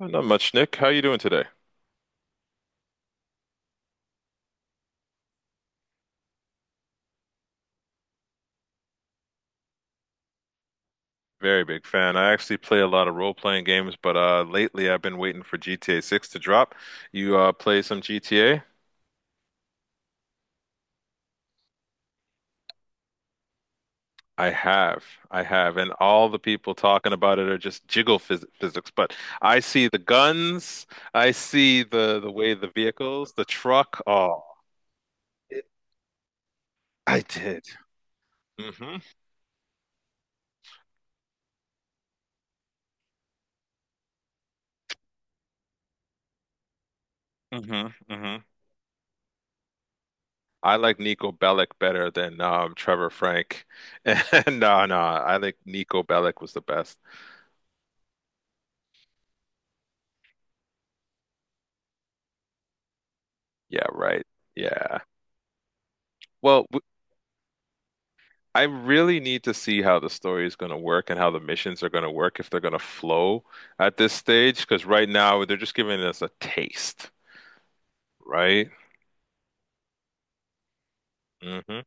Oh, not much, Nick. How you doing today? Very big fan. I actually play a lot of role-playing games, but lately I've been waiting for GTA 6 to drop. You play some GTA? I have. I have. And all the people talking about it are just jiggle physics, but I see the guns, I see the way the vehicles, the truck. Oh, it, I did. hmm hmm hmm I like Nico Bellic better than Trevor Frank. And no, no, I think Nico Bellic was the best. Yeah, right. Yeah. Well, I really need to see how the story is going to work and how the missions are going to work if they're going to flow at this stage, because right now they're just giving us a taste, right? hmm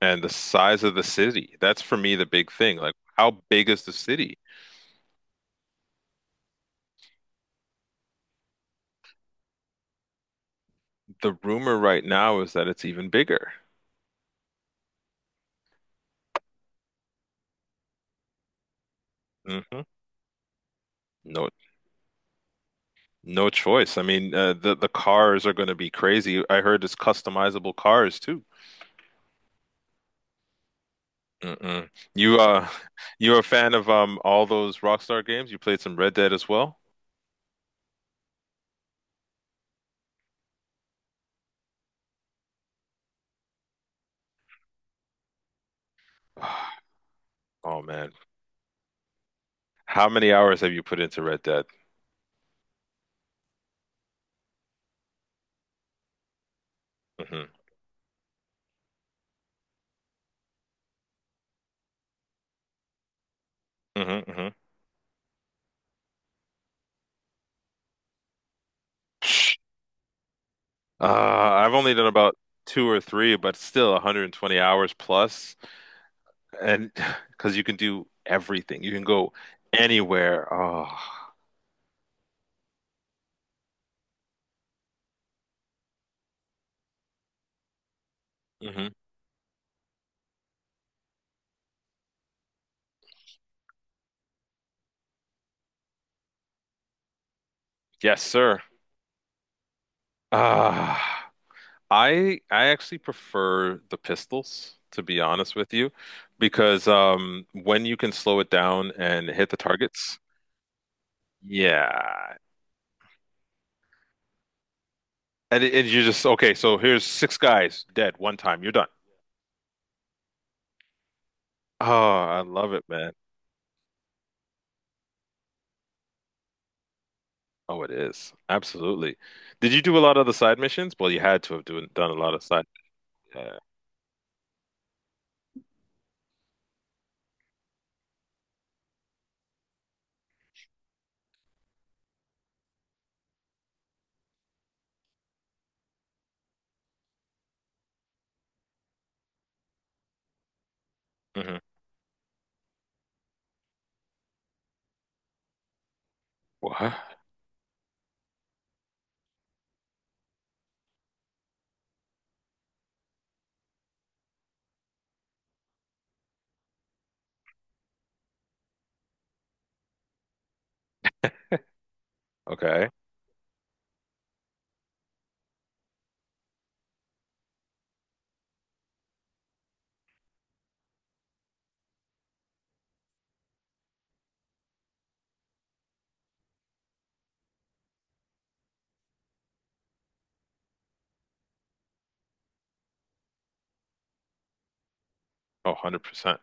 And the size of the city. That's for me the big thing. Like, how big is the city? The rumor right now is that it's even bigger. hmm No, no choice. I mean, the cars are going to be crazy. I heard it's customizable cars too. Mm-mm. You you're a fan of all those Rockstar games? You played some Red Dead as well? Oh man. How many hours have you put into Red Dead? hmm hmm hmm I've only done about two or three, but still 120 hours plus. And because you can do everything, you can go anywhere. Oh, hmm. Yes, sir. Ah. I actually prefer the pistols, to be honest with you, because when you can slow it down and hit the targets, yeah. And, it, and you're just okay, so here's six guys dead one time, you're done. Oh, I love it, man. Oh, it is. Absolutely. Did you do a lot of the side missions? Well, you had to have done a lot of side. Yeah. Hmm. What? Okay. Oh, 100%.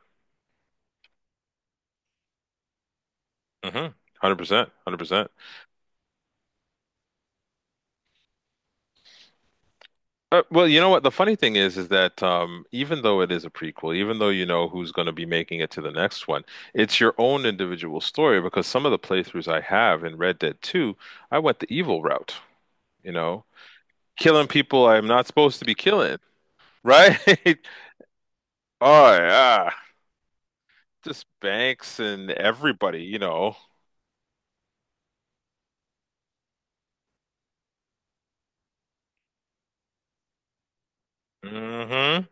Mm-hmm. 100%. 100%. Well, you know what? The funny thing is that even though it is a prequel, even though you know who's going to be making it to the next one, it's your own individual story because some of the playthroughs I have in Red Dead 2, I went the evil route, you know, killing people I'm not supposed to be killing, right? Oh, yeah. Just Banks and everybody, you know. Mm-hmm.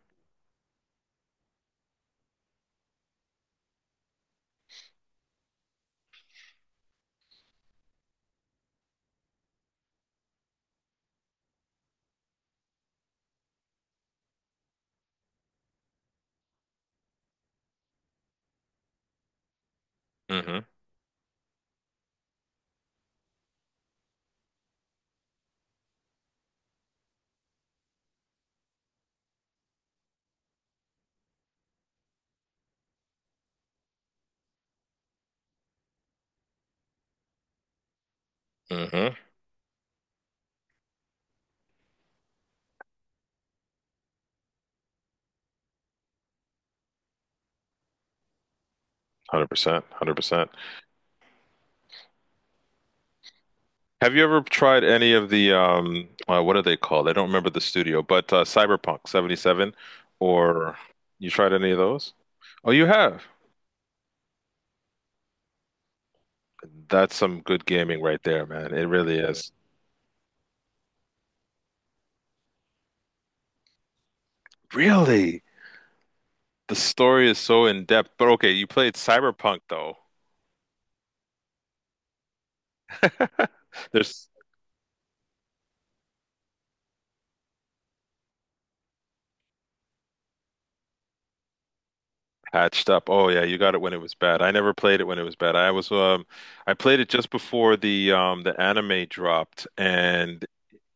Mm-hmm. Mm-hmm. 100%. 100%. Have you ever tried any of the what are they called? I don't remember the studio, but Cyberpunk 77, or you tried any of those? Oh, you have. That's some good gaming right there, man. It really is. Really? The story is so in depth. But okay, you played Cyberpunk though. There's patched up. Oh yeah, you got it when it was bad. I never played it when it was bad. I was I played it just before the anime dropped and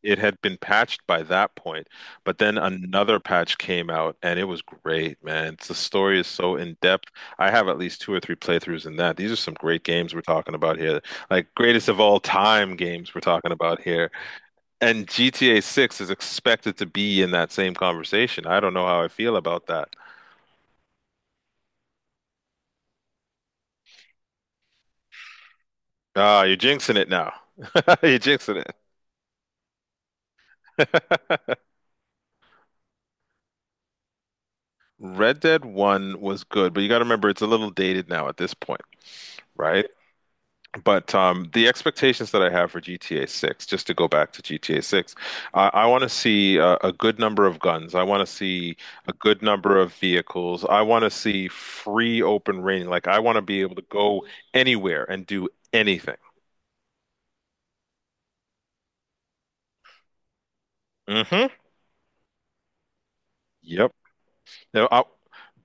it had been patched by that point, but then another patch came out and it was great, man. It's, the story is so in depth. I have at least two or three playthroughs in that. These are some great games we're talking about here. Like greatest of all time games we're talking about here. And GTA 6 is expected to be in that same conversation. I don't know how I feel about that. Ah, you're jinxing it now. You're jinxing it. Red Dead 1 was good, but you got to remember it's a little dated now at this point, right? But the expectations that I have for GTA 6, just to go back to GTA 6, I want to see a good number of guns. I want to see a good number of vehicles. I want to see free open reign. Like, I want to be able to go anywhere and do anything. hmm Yep. Now, I'll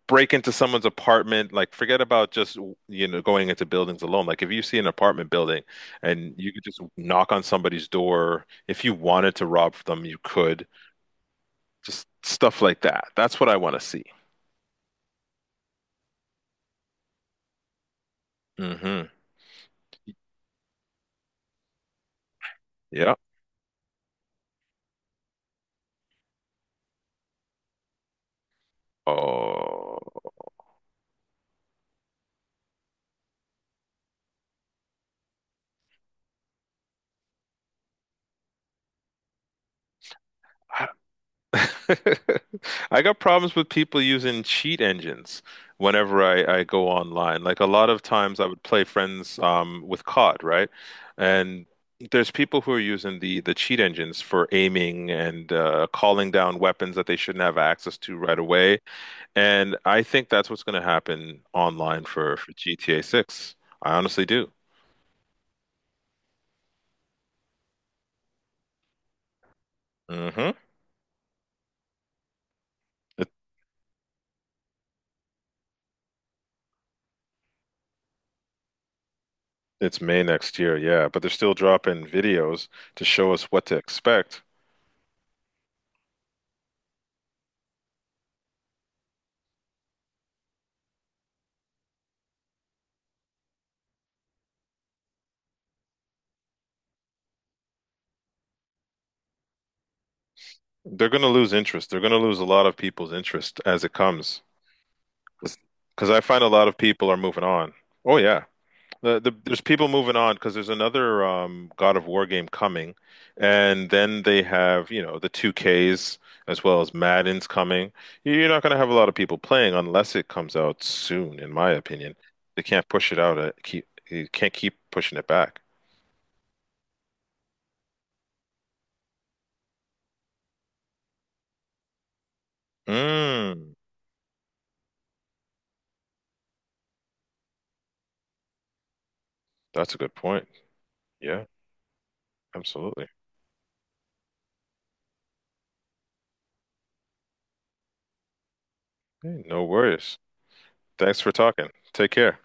break into someone's apartment. Like, forget about just, you know, going into buildings alone. Like, if you see an apartment building and you could just knock on somebody's door, if you wanted to rob them, you could. Just stuff like that. That's what I want to see. hmm Yeah. Oh, I got problems with people using cheat engines whenever I go online. Like a lot of times I would play friends with COD, right? And there's people who are using the cheat engines for aiming and calling down weapons that they shouldn't have access to right away. And I think that's what's going to happen online for GTA 6. I honestly do. mm hmm It's May next year, yeah, but they're still dropping videos to show us what to expect. They're going to lose interest. They're going to lose a lot of people's interest as it comes. Because I find a lot of people are moving on. Oh yeah, there's people moving on because there's another God of War game coming, and then they have you know the 2Ks as well as Madden's coming. You're not going to have a lot of people playing unless it comes out soon, in my opinion. They can't push it out. You can't keep pushing it back. Mm. That's a good point. Yeah, absolutely. Hey, no worries. Thanks for talking. Take care.